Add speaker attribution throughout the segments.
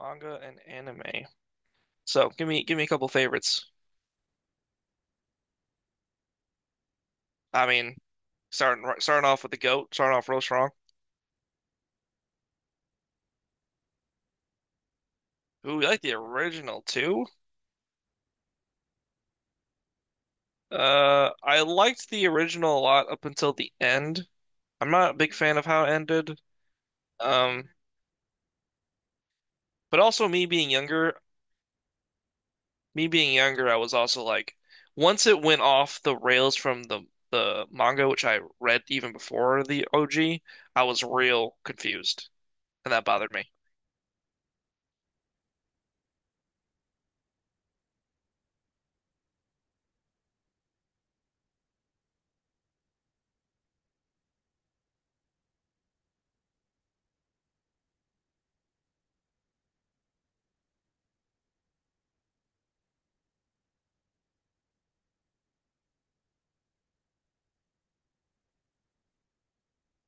Speaker 1: Manga and anime. So give me a couple favorites. I mean, starting off with the goat, starting off real strong. Ooh, you like the original too? I liked the original a lot up until the end. I'm not a big fan of how it ended. Um, but also me being younger, I was also like, once it went off the rails from the manga, which I read even before the OG, I was real confused, and that bothered me.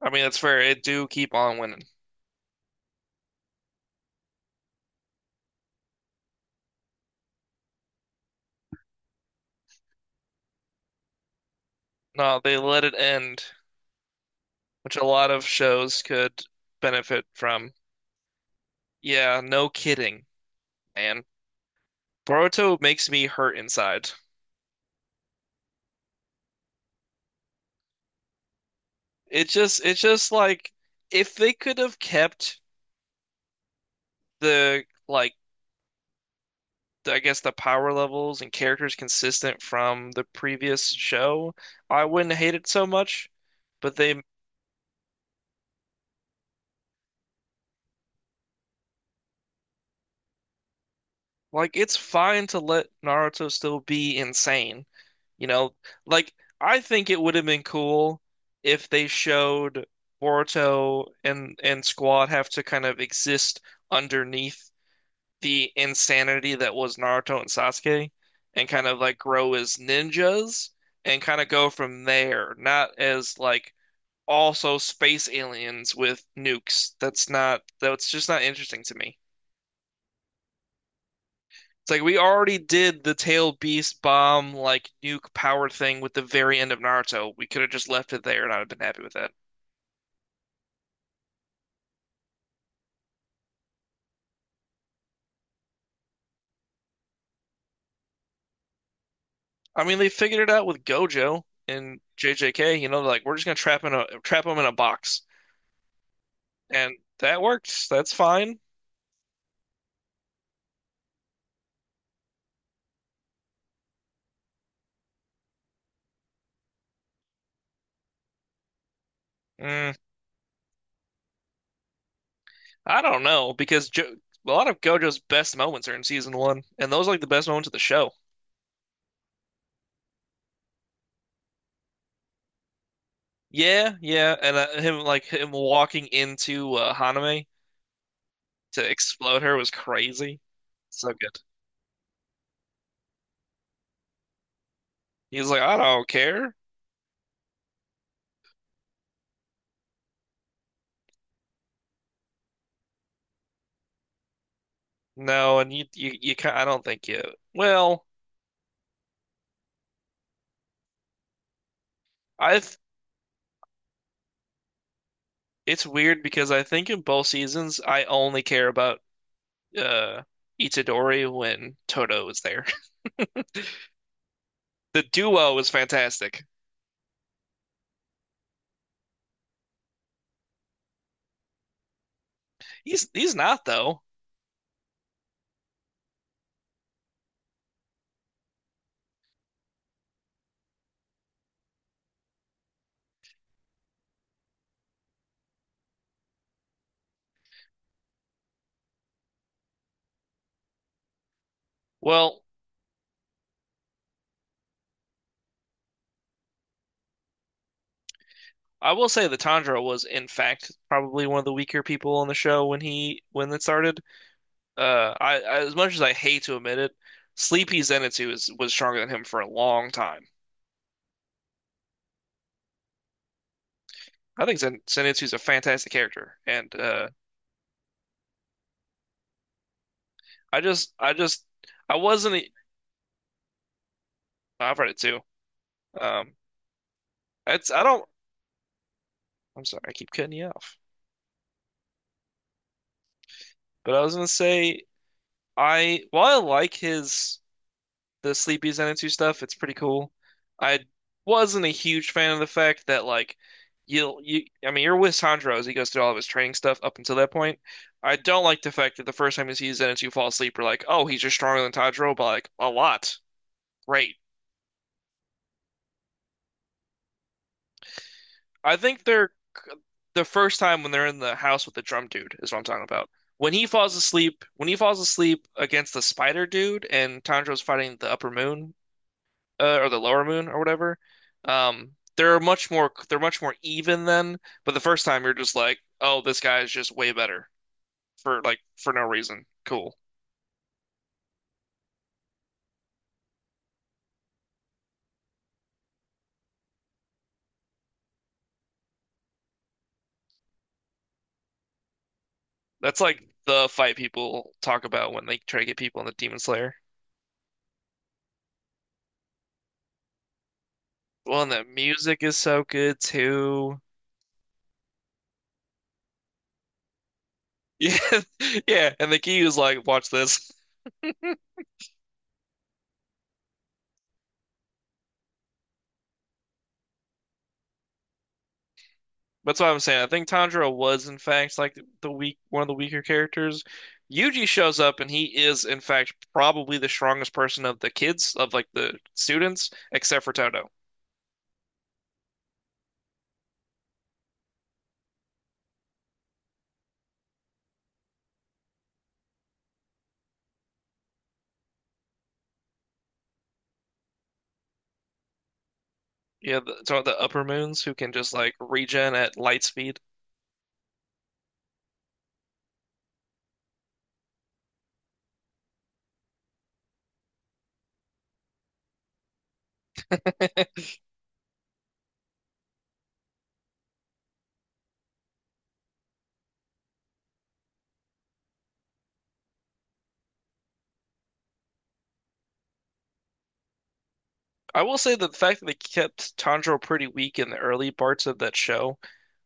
Speaker 1: I mean, that's fair. It do keep on winning. No, they let it end, which a lot of shows could benefit from. Yeah, no kidding, man. Boruto makes me hurt inside. It's just like if they could have kept the like, I guess the power levels and characters consistent from the previous show, I wouldn't hate it so much. But they Like it's fine to let Naruto still be insane. You know, like I think it would have been cool if they showed Boruto and Squad have to kind of exist underneath the insanity that was Naruto and Sasuke and kind of like grow as ninjas and kind of go from there, not as like also space aliens with nukes. That's just not interesting to me. It's like we already did the tail beast bomb like nuke power thing with the very end of Naruto. We could have just left it there and I'd have been happy with that. I mean, they figured it out with Gojo and JJK. You know, like we're just gonna trap them in a box, and that worked. That's fine. Mm, I don't know because jo a lot of Gojo's best moments are in season one, and those are like the best moments of the show. Yeah, yeah, and him like him walking into Haname to explode her was crazy. So good. He was like, I don't care. No, and you can I don't think you. Well, I th It's weird because I think in both seasons I only care about uh Itadori when Toto is there. The duo is fantastic. He's not though. Well, I will say that Tanjiro was in fact probably one of the weaker people on the show when it started. I as much as I hate to admit it, Sleepy Zenitsu was stronger than him for a long time. I think Zenitsu's a fantastic character, and I just, I just, I wasn't. E- I've read it too. Um, it's I don't. I'm sorry, I keep cutting you off. But I was gonna say, I while I like his the Sleepy Zenitsu stuff, it's pretty cool. I wasn't a huge fan of the fact that like you'll you. I mean, you're with Sandro as he goes through all of his training stuff up until that point. I don't like the fact that the first time you see Zenitsu fall asleep, we're like, oh, he's just stronger than Tanjiro by like a lot. Great. I think they're The first time when they're in the house with the drum dude is what I'm talking about. When he falls asleep against the spider dude and Tanjiro's fighting the upper moon or the lower moon or whatever, they're much more even then. But the first time you're just like, oh, this guy is just way better for no reason. Cool. That's like the fight people talk about when they try to get people in the Demon Slayer. Well, and the music is so good too. Yeah, yeah. And the key is like, watch this. That's what I'm saying. I think Tanjiro was in fact like the weaker characters. Yuji shows up and he is in fact probably the strongest person of the kids of like the students, except for Toto. Yeah, so the upper moons who can just like regen at light speed. I will say that the fact that they kept Tanjiro pretty weak in the early parts of that show,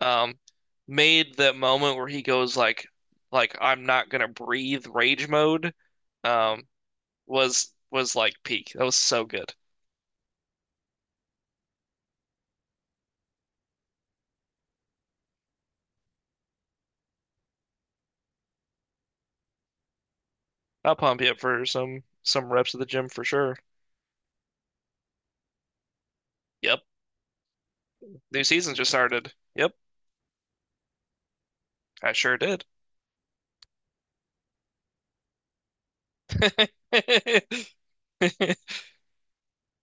Speaker 1: um, made that moment where he goes like I'm not gonna breathe rage mode, um, was like peak. That was so good. I'll pump you up for some reps at the gym for sure. Yep. New season just started. Yep, I sure did.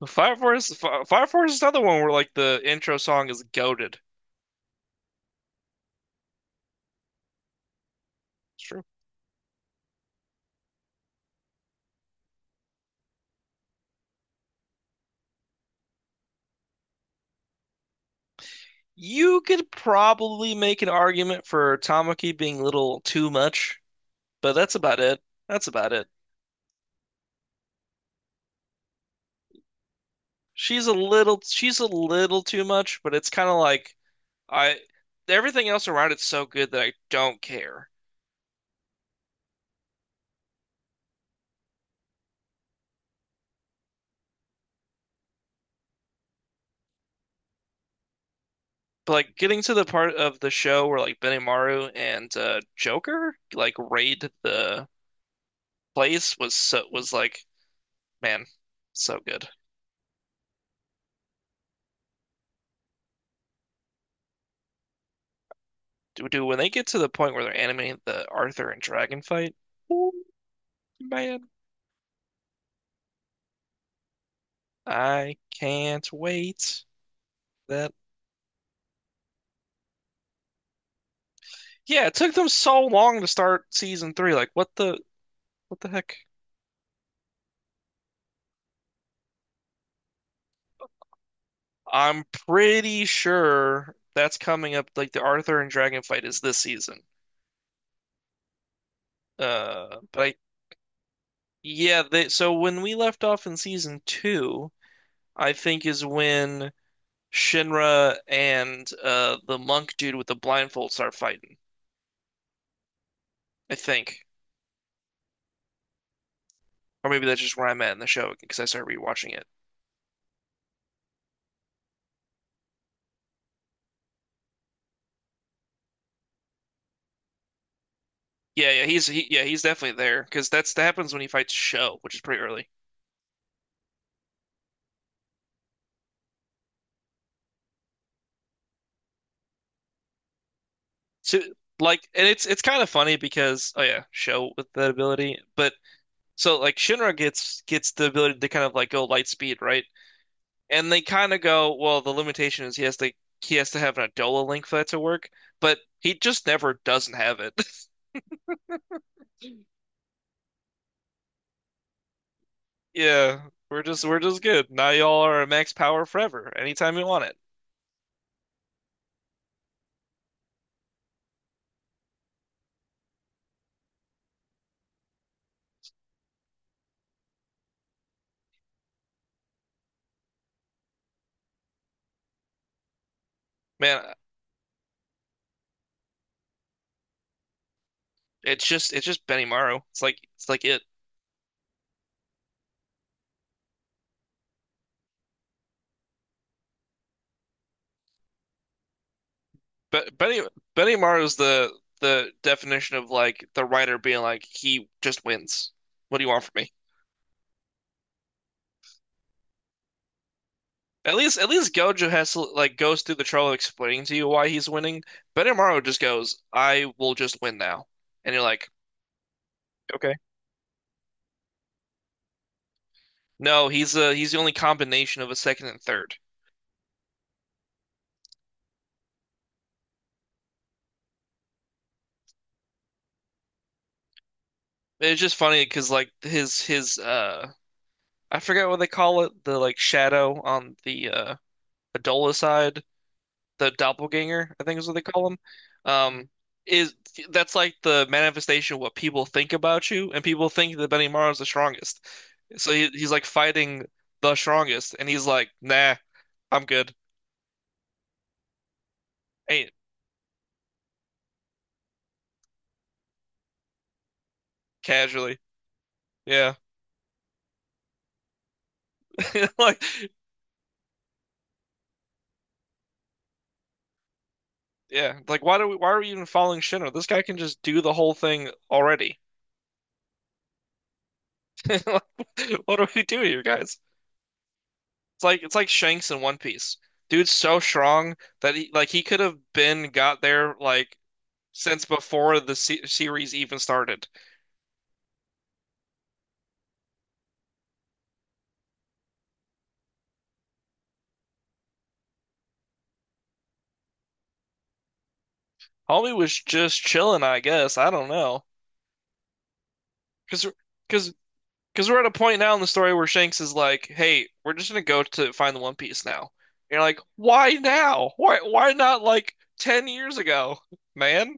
Speaker 1: Fire Force is another one where like the intro song is goaded. It's true. You could probably make an argument for Tamaki being a little too much, but that's about it. That's about it. She's a little too much, but it's kind of like I everything else around it's so good that I don't care. But like getting to the part of the show where like Benimaru and Joker like raid the place was was like man, so good. Do when they get to the point where they're animating the Arthur and Dragon fight? Ooh, man, I can't wait. That yeah, it took them so long to start season three. Like what the heck? I'm pretty sure that's coming up. Like the Arthur and Dragon fight is this season. But I Yeah, so when we left off in season two, I think is when Shinra and the monk dude with the blindfold start fighting. I think, or maybe that's just where I'm at in the show because I started rewatching it. Yeah, yeah, yeah, he's definitely there because that happens when he fights Show, which is pretty early. So like, and it's kind of funny because oh yeah, Show with that ability, but so like Shinra gets the ability to kind of like go light speed, right? And they kind of go, well, the limitation is he has to have an Adola link for that to work, but he just never doesn't have it. Yeah, we're just good. Now y'all are at max power forever, anytime you want it. Man, it's just Benny Maru. It's like it. But Benny Maru's the definition of like the writer being like he just wins. What do you want from me? At least Gojo has to, like goes through the trouble of explaining to you why he's winning. Benny Maru just goes, I will just win now. And you're like, Okay. No, he's the only combination of a second and third. It's just funny because like his I forget what they call it, the like shadow on the Adola side, the doppelganger, I think is what they call him. Um is that's like the manifestation of what people think about you and people think that Benimaru is the strongest. So he's like fighting the strongest and he's like, "Nah, I'm good." Ain't casually. Yeah. Like Yeah, like why are we even following Shinra? This guy can just do the whole thing already. Like, what do we do here, guys? It's like Shanks in One Piece. Dude's so strong that he could have been got there like since before the se series even started. Homie was just chilling, I guess. I don't know. Cause, cause, cause we're at a point now in the story where Shanks is like, "Hey, we're just gonna go to find the One Piece now." And you're like, "Why now? Why not like 10 years ago, man?"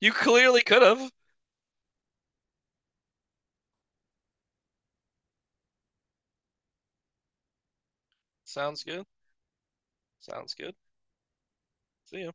Speaker 1: You clearly could have. Sounds good. Sounds good. See ya.